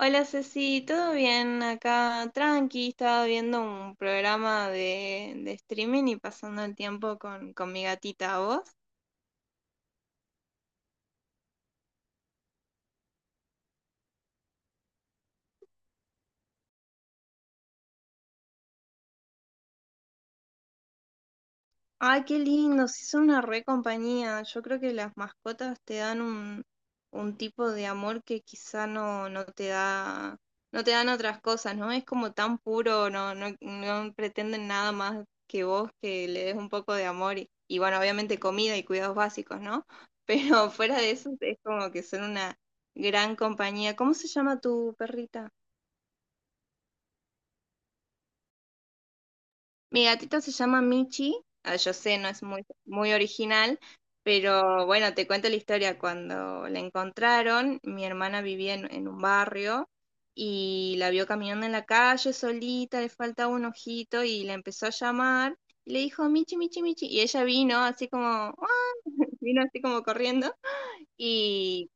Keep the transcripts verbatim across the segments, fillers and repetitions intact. Hola Ceci, ¿todo bien? Acá tranqui, estaba viendo un programa de, de streaming y pasando el tiempo con, con mi gatita, ¿vos? Ay, qué lindo, sí son una re compañía. Yo creo que las mascotas te dan un, un tipo de amor que quizá no, no te da, no te dan otras cosas, ¿no? Es como tan puro, no, no, no pretenden nada más que vos que le des un poco de amor y, y bueno, obviamente comida y cuidados básicos, ¿no? Pero fuera de eso es como que son una gran compañía. ¿Cómo se llama tu perrita? Mi gatito se llama Michi. Ah, yo sé, no es muy, muy original, pero bueno, te cuento la historia. Cuando la encontraron, mi hermana vivía en, en un barrio y la vio caminando en la calle solita, le faltaba un ojito y la empezó a llamar y le dijo, Michi, Michi, Michi. Y ella vino así como, "Ah", vino así como corriendo y,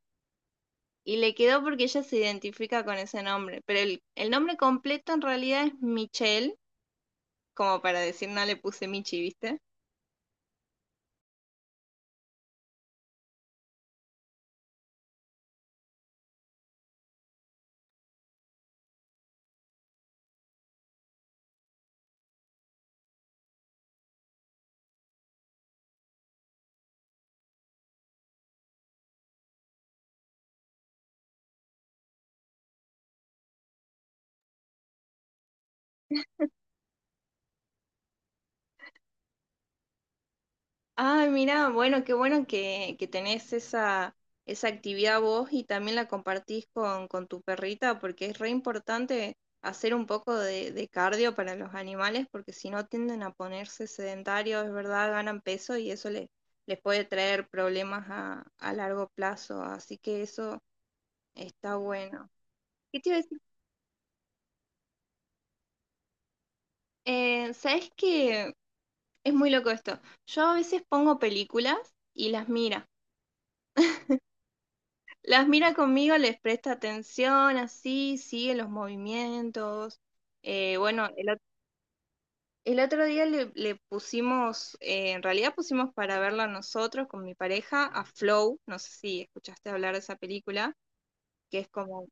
y le quedó porque ella se identifica con ese nombre. Pero el, el nombre completo en realidad es Michelle, como para decir, no le puse Michi, ¿viste? Ay, mira, bueno, qué bueno que, que tenés esa, esa actividad vos y también la compartís con, con tu perrita, porque es re importante hacer un poco de, de cardio para los animales, porque si no tienden a ponerse sedentarios, es verdad, ganan peso y eso les, les puede traer problemas a, a largo plazo. Así que eso está bueno. ¿Qué te iba a decir? Eh, ¿sabes qué? Es muy loco esto. Yo a veces pongo películas y las miro. Las mira conmigo, les presta atención, así, sigue los movimientos. Eh, bueno, el, ot- el otro día le, le pusimos, eh, en realidad pusimos para verla nosotros con mi pareja a Flow, no sé si escuchaste hablar de esa película, que es como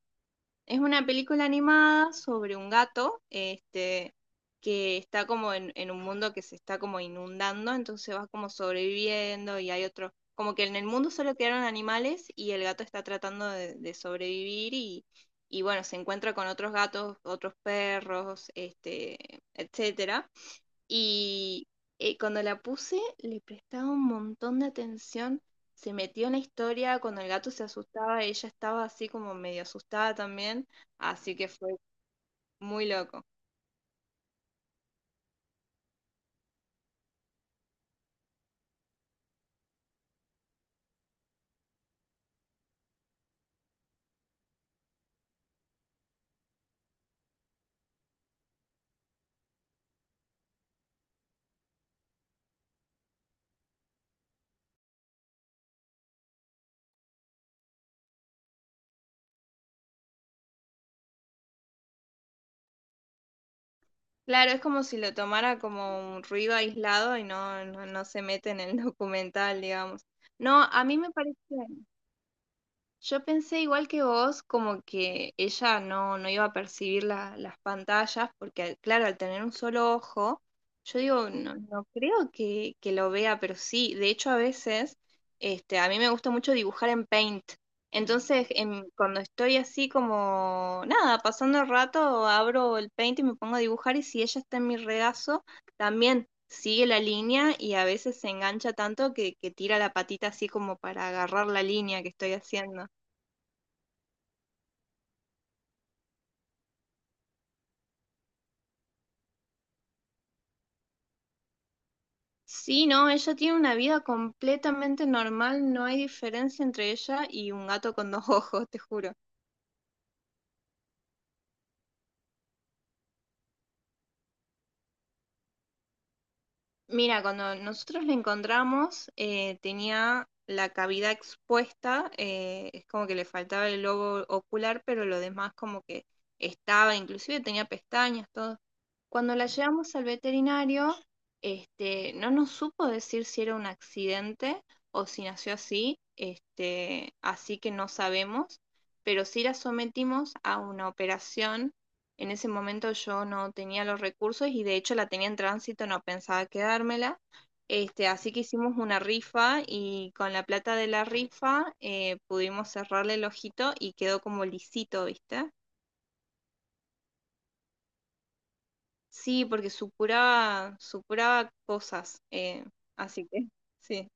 es una película animada sobre un gato, este, que está como en, en un mundo que se está como inundando, entonces va como sobreviviendo y hay otro, como que en el mundo solo quedaron animales y el gato está tratando de, de sobrevivir y, y bueno, se encuentra con otros gatos, otros perros, este, etcétera. Y eh, cuando la puse, le prestaba un montón de atención. Se metió en la historia. Cuando el gato se asustaba, ella estaba así como medio asustada también. Así que fue muy loco. Claro, es como si lo tomara como un ruido aislado y no, no, no se mete en el documental, digamos. No, a mí me parece. Yo pensé igual que vos, como que ella no, no iba a percibir la- las pantallas, porque al- claro, al tener un solo ojo, yo digo, no, no creo que, que lo vea, pero sí, de hecho a veces, este, a mí me gusta mucho dibujar en Paint. Entonces, en- cuando estoy así como, nada, pasando el rato, abro el Paint y me pongo a dibujar, y si ella está en mi regazo, también sigue la línea y a veces se engancha tanto que, que tira la patita así como para agarrar la línea que estoy haciendo. Sí, no, ella tiene una vida completamente normal, no hay diferencia entre ella y un gato con dos ojos, te juro. Mira, cuando nosotros le encontramos, eh, tenía la cavidad expuesta, eh, es como que le faltaba el globo ocular, pero lo demás como que estaba, inclusive tenía pestañas, todo. Cuando la llevamos al veterinario, este, no nos supo decir si era un accidente o si nació así, este, así que no sabemos, pero sí la sometimos a una operación en ese momento yo no tenía los recursos y de hecho la tenía en tránsito, no pensaba quedármela. Este, así que hicimos una rifa y con la plata de la rifa eh, pudimos cerrarle el ojito y quedó como lisito, ¿viste? Sí, porque supuraba, supuraba cosas. Eh, así que, sí.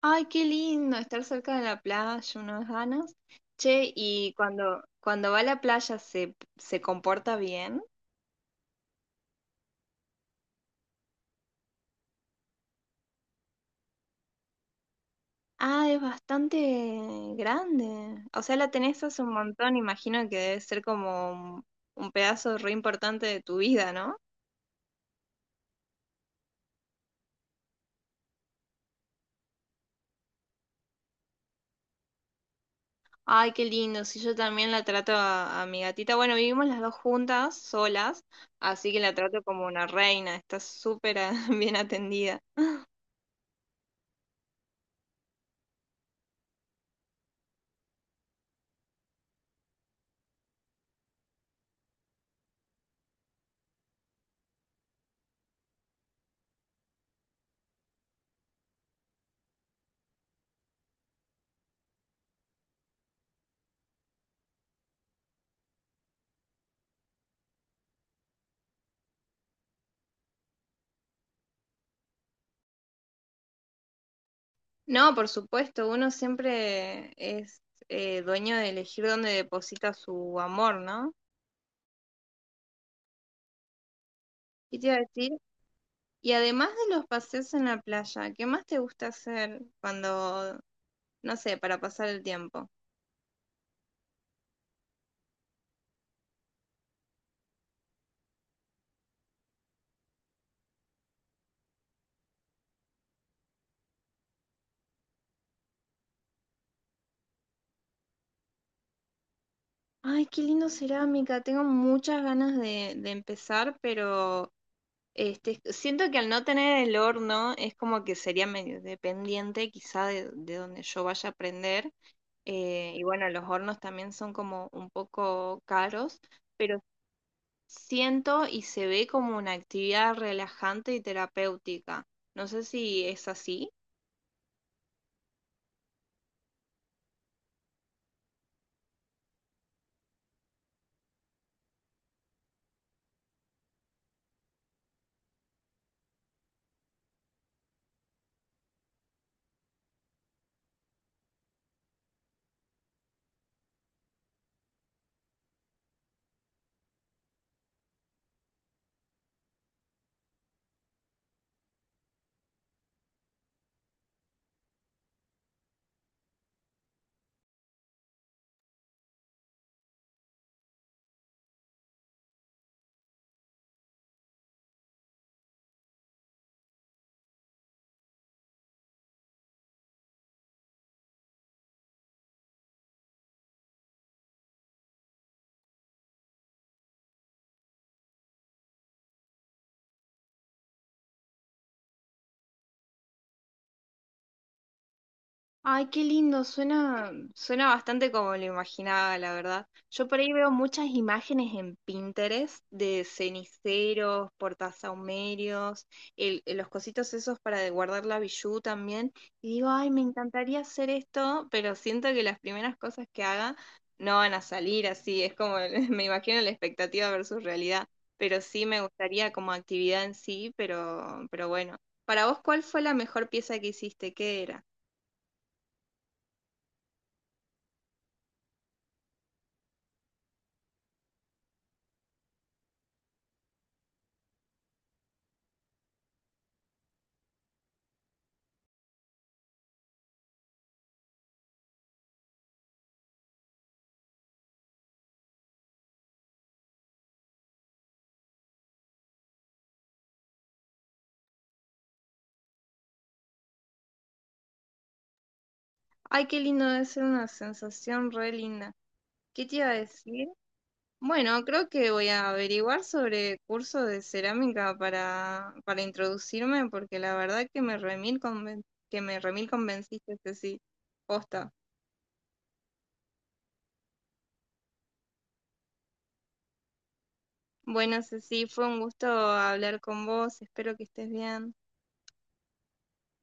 Ay, qué lindo estar cerca de la playa, unas ganas. Che, y cuando, cuando va a la playa se, se comporta bien. Ah, es bastante grande. O sea, la tenés hace un montón, imagino que debe ser como un, un pedazo re importante de tu vida, ¿no? Ay, qué lindo. Si yo también la trato a, a mi gatita. Bueno, vivimos las dos juntas, solas, así que la trato como una reina. Está súper ah, bien atendida. No, por supuesto, uno siempre es eh, dueño de elegir dónde deposita su amor, ¿no? ¿Qué te iba a decir? Y además de los paseos en la playa, ¿qué más te gusta hacer cuando, no sé, para pasar el tiempo? Ay, qué lindo cerámica. Tengo muchas ganas de, de empezar, pero este, siento que al no tener el horno es como que sería medio dependiente quizá de, de donde yo vaya a aprender. Eh, y bueno, los hornos también son como un poco caros, pero siento y se ve como una actividad relajante y terapéutica. No sé si es así. Ay, qué lindo, suena, suena bastante como lo imaginaba, la verdad. Yo por ahí veo muchas imágenes en Pinterest de ceniceros, portasahumerios, el, eh, los cositos esos para de guardar la bijú también. Y digo, ay, me encantaría hacer esto, pero siento que las primeras cosas que haga no van a salir así. Es como, me imagino la expectativa versus realidad. Pero sí me gustaría como actividad en sí, pero, pero bueno. Para vos, ¿cuál fue la mejor pieza que hiciste? ¿Qué era? Ay, qué lindo, debe ser una sensación re linda. ¿Qué te iba a decir? Bueno, creo que voy a averiguar sobre cursos de cerámica para, para introducirme, porque la verdad que me remil conven- que me remil convenciste, Ceci. Posta. Bueno, Ceci, fue un gusto hablar con vos. Espero que estés bien.